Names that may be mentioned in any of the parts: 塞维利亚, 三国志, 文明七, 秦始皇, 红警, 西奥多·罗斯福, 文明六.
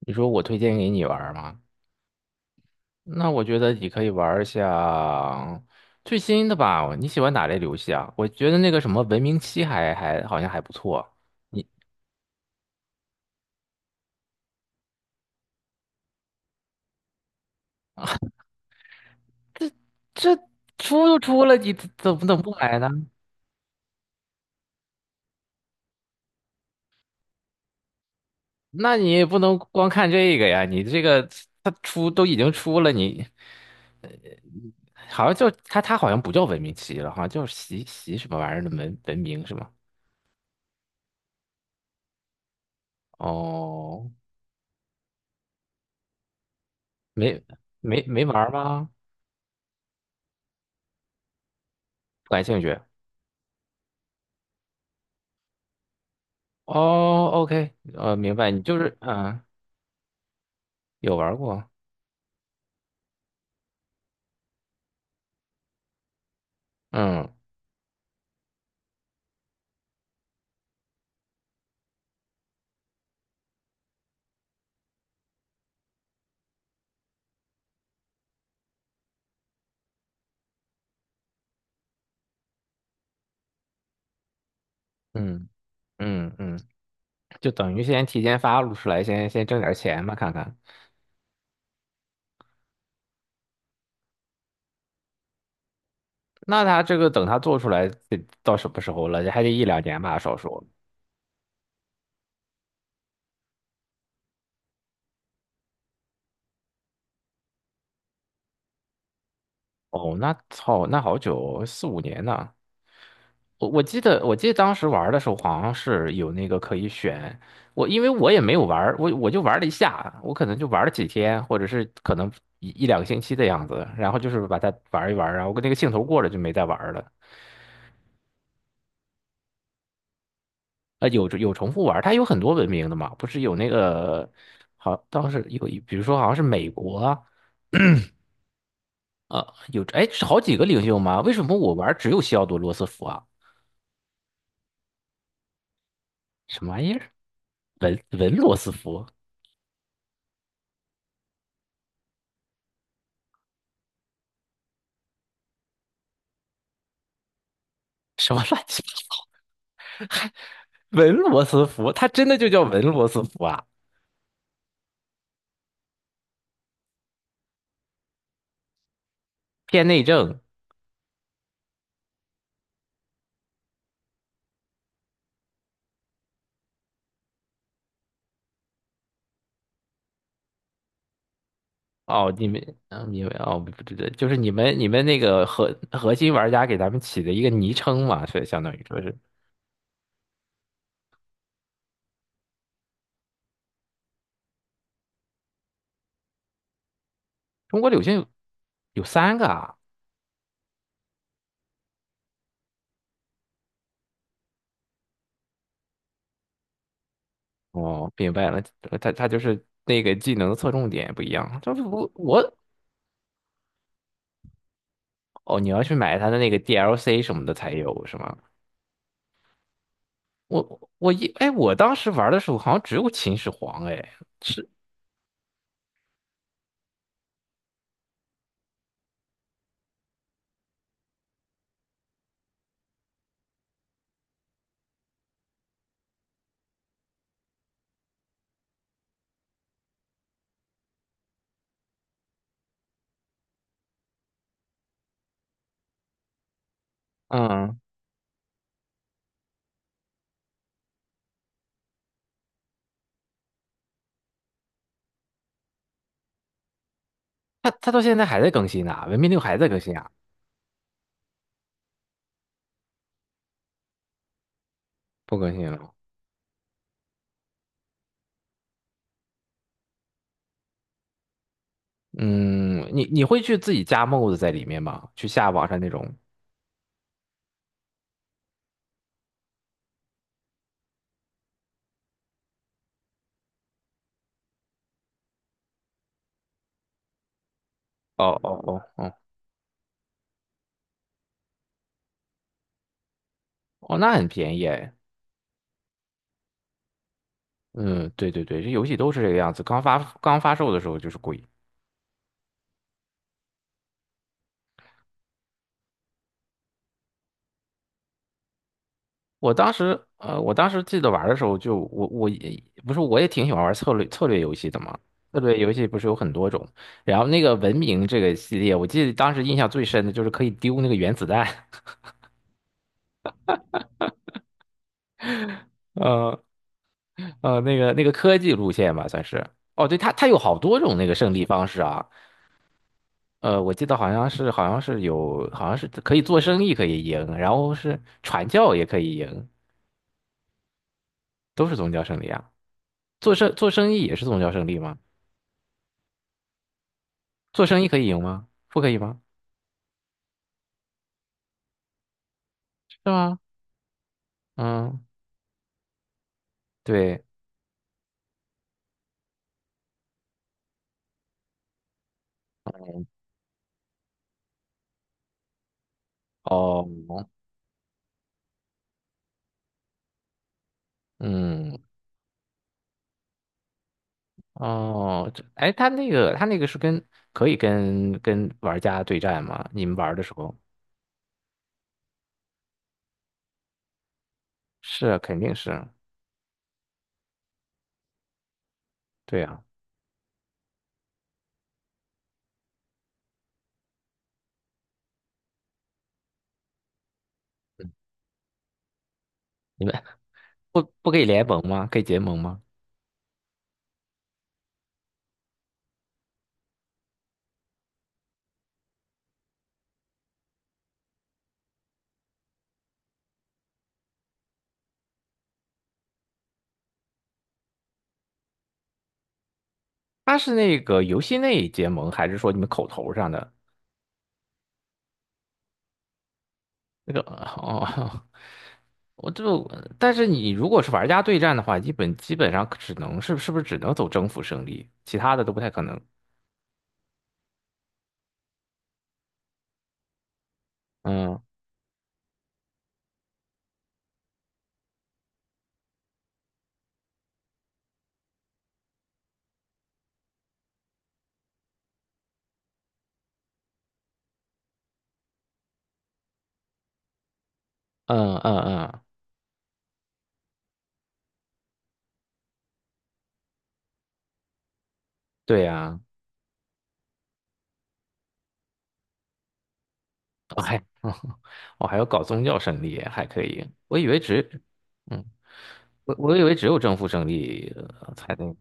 你说我推荐给你玩儿吗？那我觉得你可以玩儿一下最新的吧。你喜欢哪类游戏啊？我觉得那个什么《文明七》还好像还不错。你这这出都出了，你怎么能不买呢？那你也不能光看这个呀。你这个它出都已经出了，你好像就它好像不叫《文明七》了，好像叫习什么玩意儿的文明是吗？哦，没没玩儿吗？不感兴趣。哦，OK,明白，你就是嗯，有玩过，嗯嗯嗯嗯，就等于先提前发出来，先挣点钱嘛，看看。那他这个等他做出来得到什么时候了？还得一两年吧，少说。哦，那操，那好久，四五年呢。我我记得我记得当时玩的时候好像是有那个可以选，我因为我也没有玩儿我就玩了一下，我可能就玩了几天，或者是可能一两个星期的样子，然后就是把它玩一玩，然后跟那个兴头过了就没再玩儿了。啊，有重复玩儿它有很多文明的嘛，不是有那个好当时有一比如说好像是美国啊，有哎是好几个领袖吗？为什么我玩儿只有西奥多·罗斯福啊？什么玩意儿？文罗斯福？什么乱七八？文罗斯福，他真的就叫文罗斯福啊？偏内政哦，你们啊，你们哦，不对对，就是你们那个核心玩家给咱们起的一个昵称嘛，所以相当于说是中国柳絮有三个啊。哦，明白了，他他就是那个技能的侧重点不一样。就是我哦，你要去买他的那个 DLC 什么的才有是吗？我哎，我当时玩的时候好像只有秦始皇哎，是嗯，他他到现在还在更新呢，文明六还在更新啊。不更新了。嗯，你你会去自己加 mod 在里面吗？去下网上那种？哦哦，那很便宜哎。嗯，对对对，这游戏都是这个样子。刚发售的时候就是贵。我当时我当时记得玩的时候就我也不是我也挺喜欢玩策略游戏的嘛。策略游戏不是有很多种，然后那个文明这个系列，我记得当时印象最深的就是可以丢那个原子弹，呃那个那个科技路线吧，算是。哦，对，它它有好多种那个胜利方式啊。我记得好像是好像是有好像是可以做生意可以赢，然后是传教也可以赢，都是宗教胜利啊。做生意也是宗教胜利吗？做生意可以赢吗？不可以吗？是吗？嗯，对，哦，嗯，哦，这哎，他那个是跟可以跟跟玩家对战吗？你们玩的时候是啊肯定是啊，对啊，嗯你们 不可以联盟吗？可以结盟吗？他是那个游戏内结盟，还是说你们口头上的？那个 哦，我就，但是你如果是玩家对战的话，基本上只能是是不是只能走征服胜利，其他的都不太可能。嗯嗯嗯，对呀、我还我还要搞宗教胜利，还可以。我以为只，嗯，我以为只有征服胜利才能。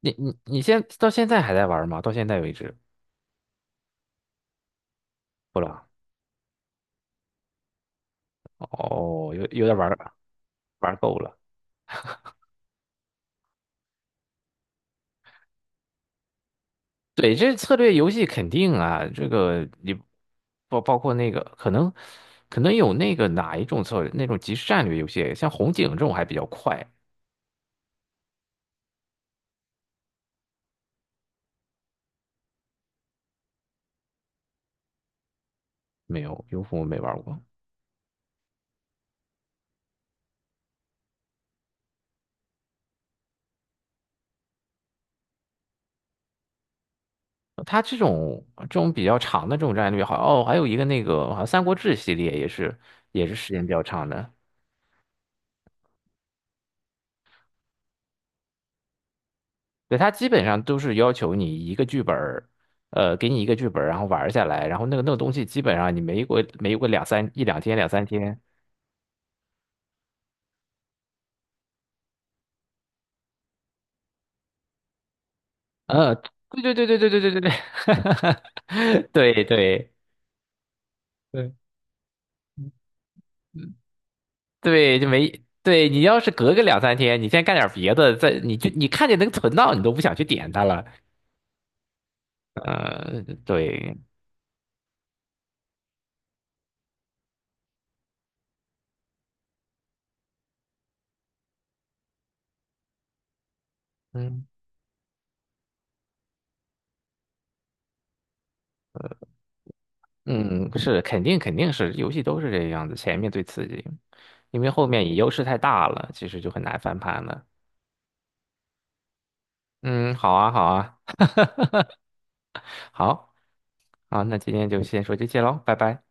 你现到现在还在玩吗？到现在为止，不了。哦，有有点玩玩够了。对，这策略游戏肯定啊，这个你包括那个可能有那个哪一种策略，那种即时战略游戏，像红警这种还比较快，没有，优酷我没玩过。它这种比较长的这种战略，好哦，还有一个那个好像《三国志》系列也是也是时间比较长的，对，它基本上都是要求你一个剧本儿，给你一个剧本儿，然后玩儿下来，然后那个那个东西基本上你没过两三一两天两三天。呃，对，对对对对，就没对你要是隔个两三天，你先干点别的，再你就你看见能存到，你都不想去点它了。对，嗯嗯，是肯定肯定是游戏都是这个样子，前面最刺激，因为后面你优势太大了，其实就很难翻盘了。嗯，好啊好啊，那今天就先说这些喽，拜拜。